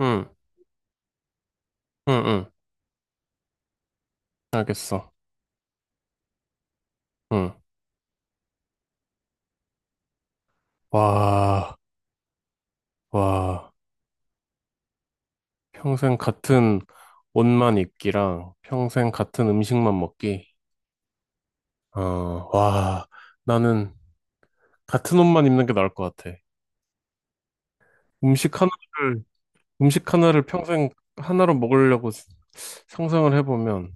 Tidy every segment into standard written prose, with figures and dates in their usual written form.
응, 응, 응. 알겠어. 응. 와, 와. 평생 같은 옷만 입기랑 평생 같은 음식만 먹기. 어, 와. 나는 같은 옷만 입는 게 나을 것 같아. 음식 하나를, 음식 하나를 평생 하나로 먹으려고 상상을 해보면,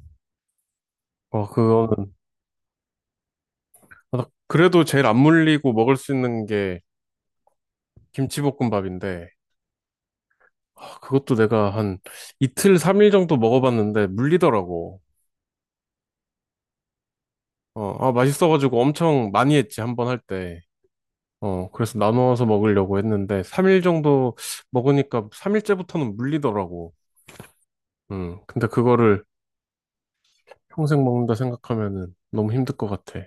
그거는. 아, 그래도 제일 안 물리고 먹을 수 있는 게 김치볶음밥인데, 아, 그것도 내가 한 이틀, 삼일 정도 먹어봤는데 물리더라고. 아, 맛있어가지고 엄청 많이 했지, 한 번 할 때. 그래서 나눠서 먹으려고 했는데, 3일 정도 먹으니까 3일째부터는 물리더라고. 근데 그거를 평생 먹는다 생각하면은 너무 힘들 것 같아.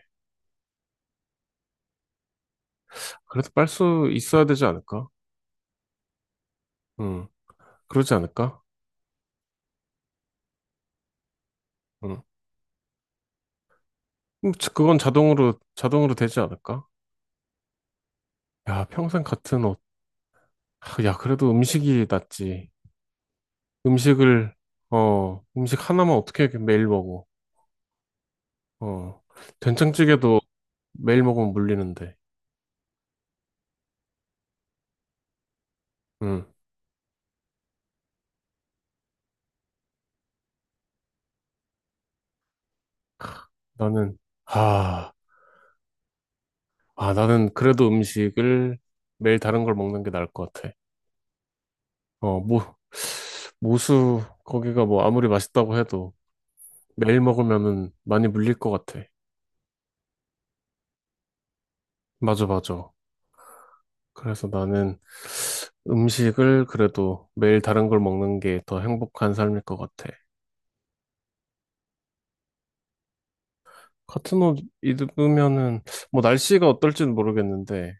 그래도 빨 수 있어야 되지 않을까? 음, 그러지 않을까? 음, 그건 자동으로 되지 않을까? 야, 평생 같은 옷. 하, 야, 그래도 음식이 낫지. 음식을, 음식 하나만 어떻게 이렇게 매일 먹어. 어, 된장찌개도 매일 먹으면 물리는데. 응. 나는, 아, 나는 그래도 음식을 매일 다른 걸 먹는 게 나을 것 같아. 뭐, 모수, 거기가 뭐 아무리 맛있다고 해도 매일 먹으면은 많이 물릴 것 같아. 맞아, 맞아. 그래서 나는 음식을 그래도 매일 다른 걸 먹는 게 더 행복한 삶일 것 같아. 같은 옷 입으면은, 뭐 날씨가 어떨지는 모르겠는데,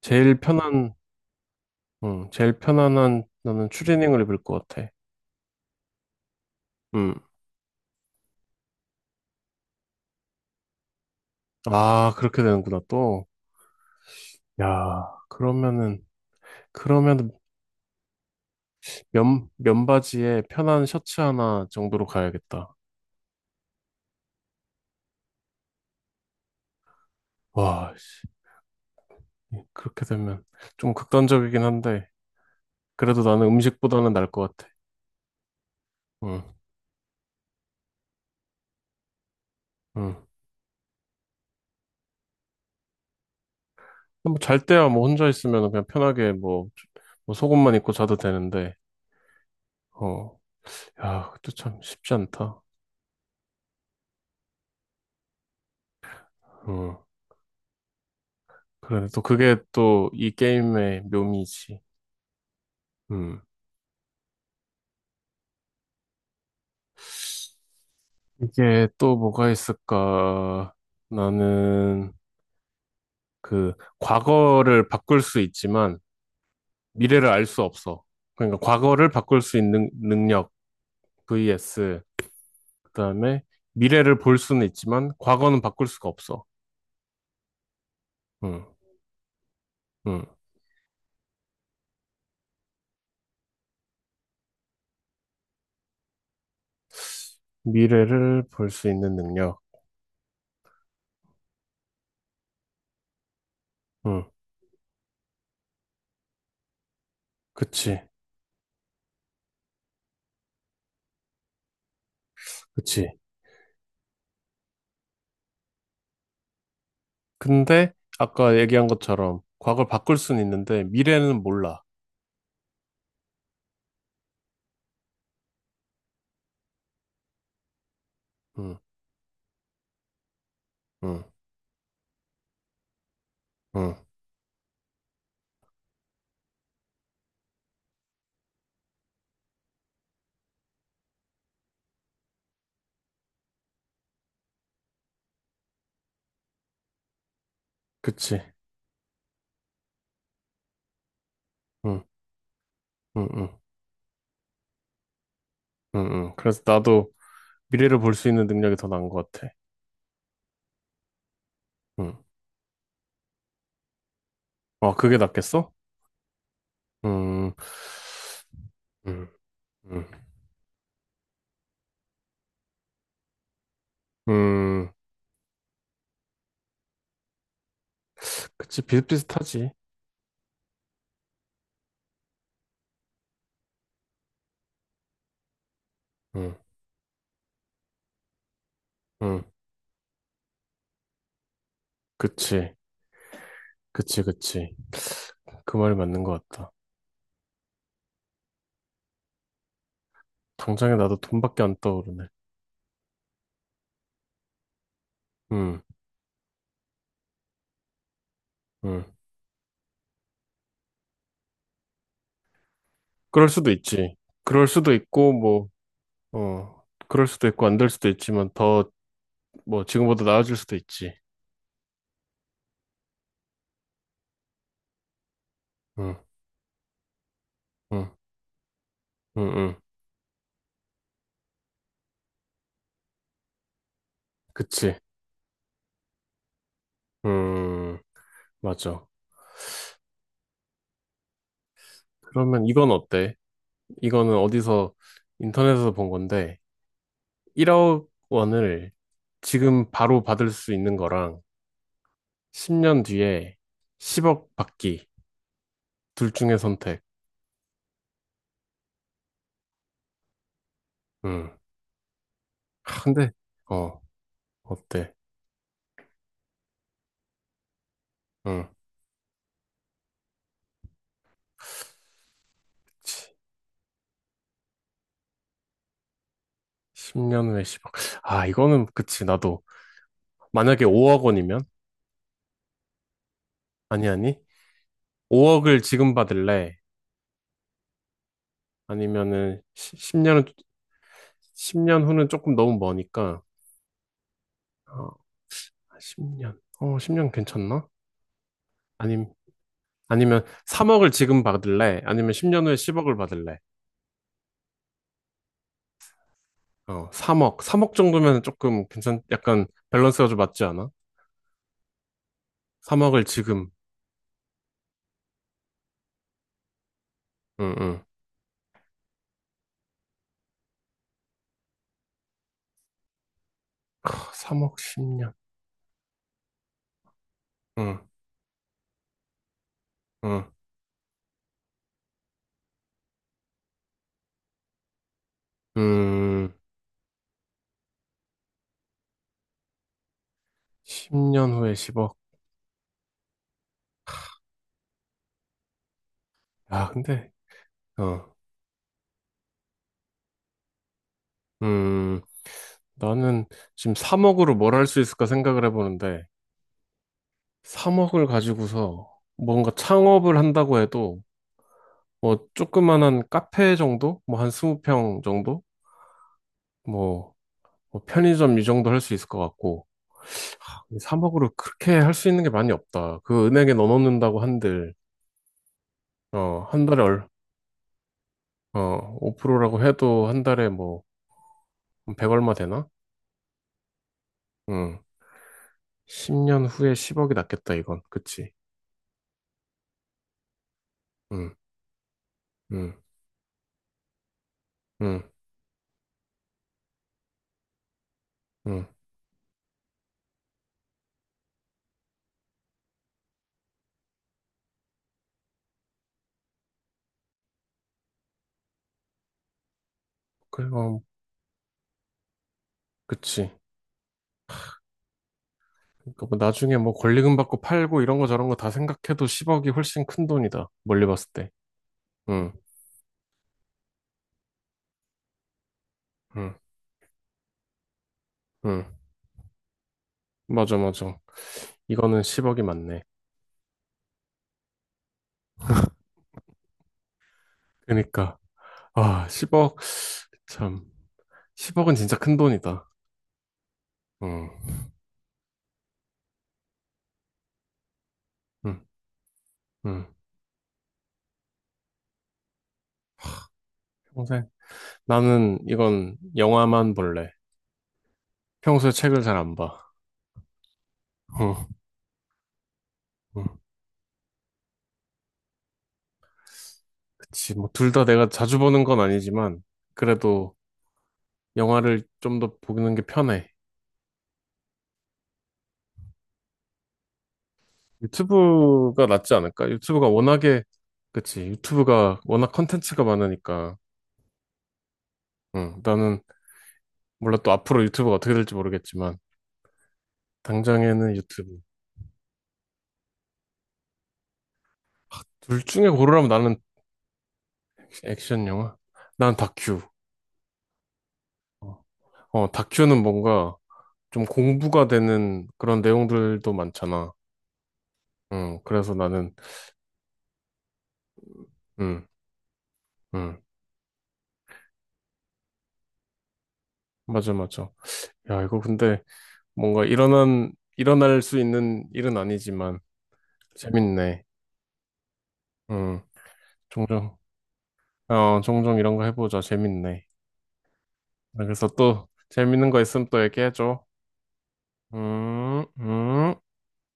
제일 편한 제일 편안한 나는 추리닝을 입을 것 같아. 음. 아, 그렇게 되는구나, 또. 야, 그러면은 면바지에 편한 셔츠 하나 정도로 가야겠다. 와, 씨. 예, 그렇게 되면 좀 극단적이긴 한데, 그래도 나는 음식보다는 나을 것 같아. 응, 응. 뭐잘 때야 뭐 혼자 있으면 그냥 편하게 뭐, 뭐 속옷만 입고 자도 되는데. 어, 야, 그것도 참 쉽지 않다. 응. 그래, 또 그게 또 이 게임의 묘미지. 음. 이게 또 뭐가 있을까? 나는 그 과거를 바꿀 수 있지만 미래를 알 수 없어. 그러니까 과거를 바꿀 수 있는 능력 vs 그다음에 미래를 볼 수는 있지만 과거는 바꿀 수가 없어. 응, 응. 미래를 볼 수 있는 능력. 응, 그치. 그치. 근데 아까 얘기한 것처럼 과거를 바꿀 수는 있는데 미래는 몰라. 응, 응, 응. 그치. 응, 응, 응. 응, 응. 그래서 나도 미래를 볼 수 있는 능력이 더 나은 것 같아. 응. 아, 그게 낫겠어? 음, 음, 음, 음. 그치, 비슷비슷하지. 응, 응. 그치, 그치, 그치. 그 말이 맞는 것 같다. 당장에 나도 돈밖에 안 떠오르네. 응, 응. 그럴 수도 있지. 그럴 수도 있고, 뭐, 그럴 수도 있고, 안 될 수도 있지만, 더, 뭐, 지금보다 나아질 수도 있지. 응, 응, 응, 응. 그치. 음, 맞아. 그러면 이건 어때? 이거는 어디서 인터넷에서 본 건데 1억 원을 지금 바로 받을 수 있는 거랑 10년 뒤에 10억 받기 둘 중에 선택. 음. 아, 근데 어 어때? 응. 10년 후에 10억. 아, 이거는 그치, 나도 만약에 5억 원이면, 아니 아니, 5억을 지금 받을래? 아니면은 10년 후는 조금 너무 머니까. 어, 10년. 10년 괜찮나? 아님, 아니면 3억을 지금 받을래? 아니면 10년 후에 10억을 받을래? 3억. 3억 정도면 조금 괜찮, 약간 밸런스가 좀 맞지 않아? 3억을 지금, 응, 응. 3억 10년. 응, 응. 음, 10년 후에 10억. 야, 근데, 어, 음, 나는 지금 3억으로 뭘 할 수 있을까 생각을 해보는데, 3억을 가지고서 뭔가 창업을 한다고 해도, 뭐, 조그만한 카페 정도? 뭐, 한 20평 정도? 뭐, 뭐 편의점 이 정도 할 수 있을 것 같고. 3억으로 그렇게 할 수 있는 게 많이 없다. 그 은행에 넣어놓는다고 한들. 한 달에 5%라고 해도 한 달에 뭐 100 얼마 되나? 응. 10년 후에 10억이 낫겠다, 이건. 그치? 응. 응. 응. 응. 그리고. 그치. 그러니까 뭐 나중에 뭐 권리금 받고 팔고 이런 거 저런 거 다 생각해도 10억이 훨씬 큰 돈이다. 멀리 봤을 때. 응. 응. 응. 맞아, 맞아. 이거는 10억이 맞네. 그러니까 아, 10억. 참, 10억은 진짜 큰 돈이다. 응, 응, 응. 평생. 나는 이건 영화만 볼래. 평소에 책을 잘 안 봐. 응, 응. 그치. 뭐, 둘 다 내가 자주 보는 건 아니지만, 그래도 영화를 좀 더 보는 게 편해. 유튜브가 낫지 않을까? 유튜브가 워낙에. 그치. 유튜브가 워낙 컨텐츠가 많으니까. 응, 나는, 몰라 또 앞으로 유튜브가 어떻게 될지 모르겠지만, 당장에는 유튜브. 둘 중에 고르라면 나는 액션 영화? 난 다큐. 다큐는 뭔가 좀 공부가 되는 그런 내용들도 많잖아. 그래서 나는. 음, 음, 맞아, 맞아. 야, 이거 근데 뭔가 일어날 수 있는 일은 아니지만, 재밌네. 음, 종종, 종종 이런 거 해보자. 재밌네. 아, 그래서 또 재밌는 거 있으면 또 얘기해줘. 음, 음.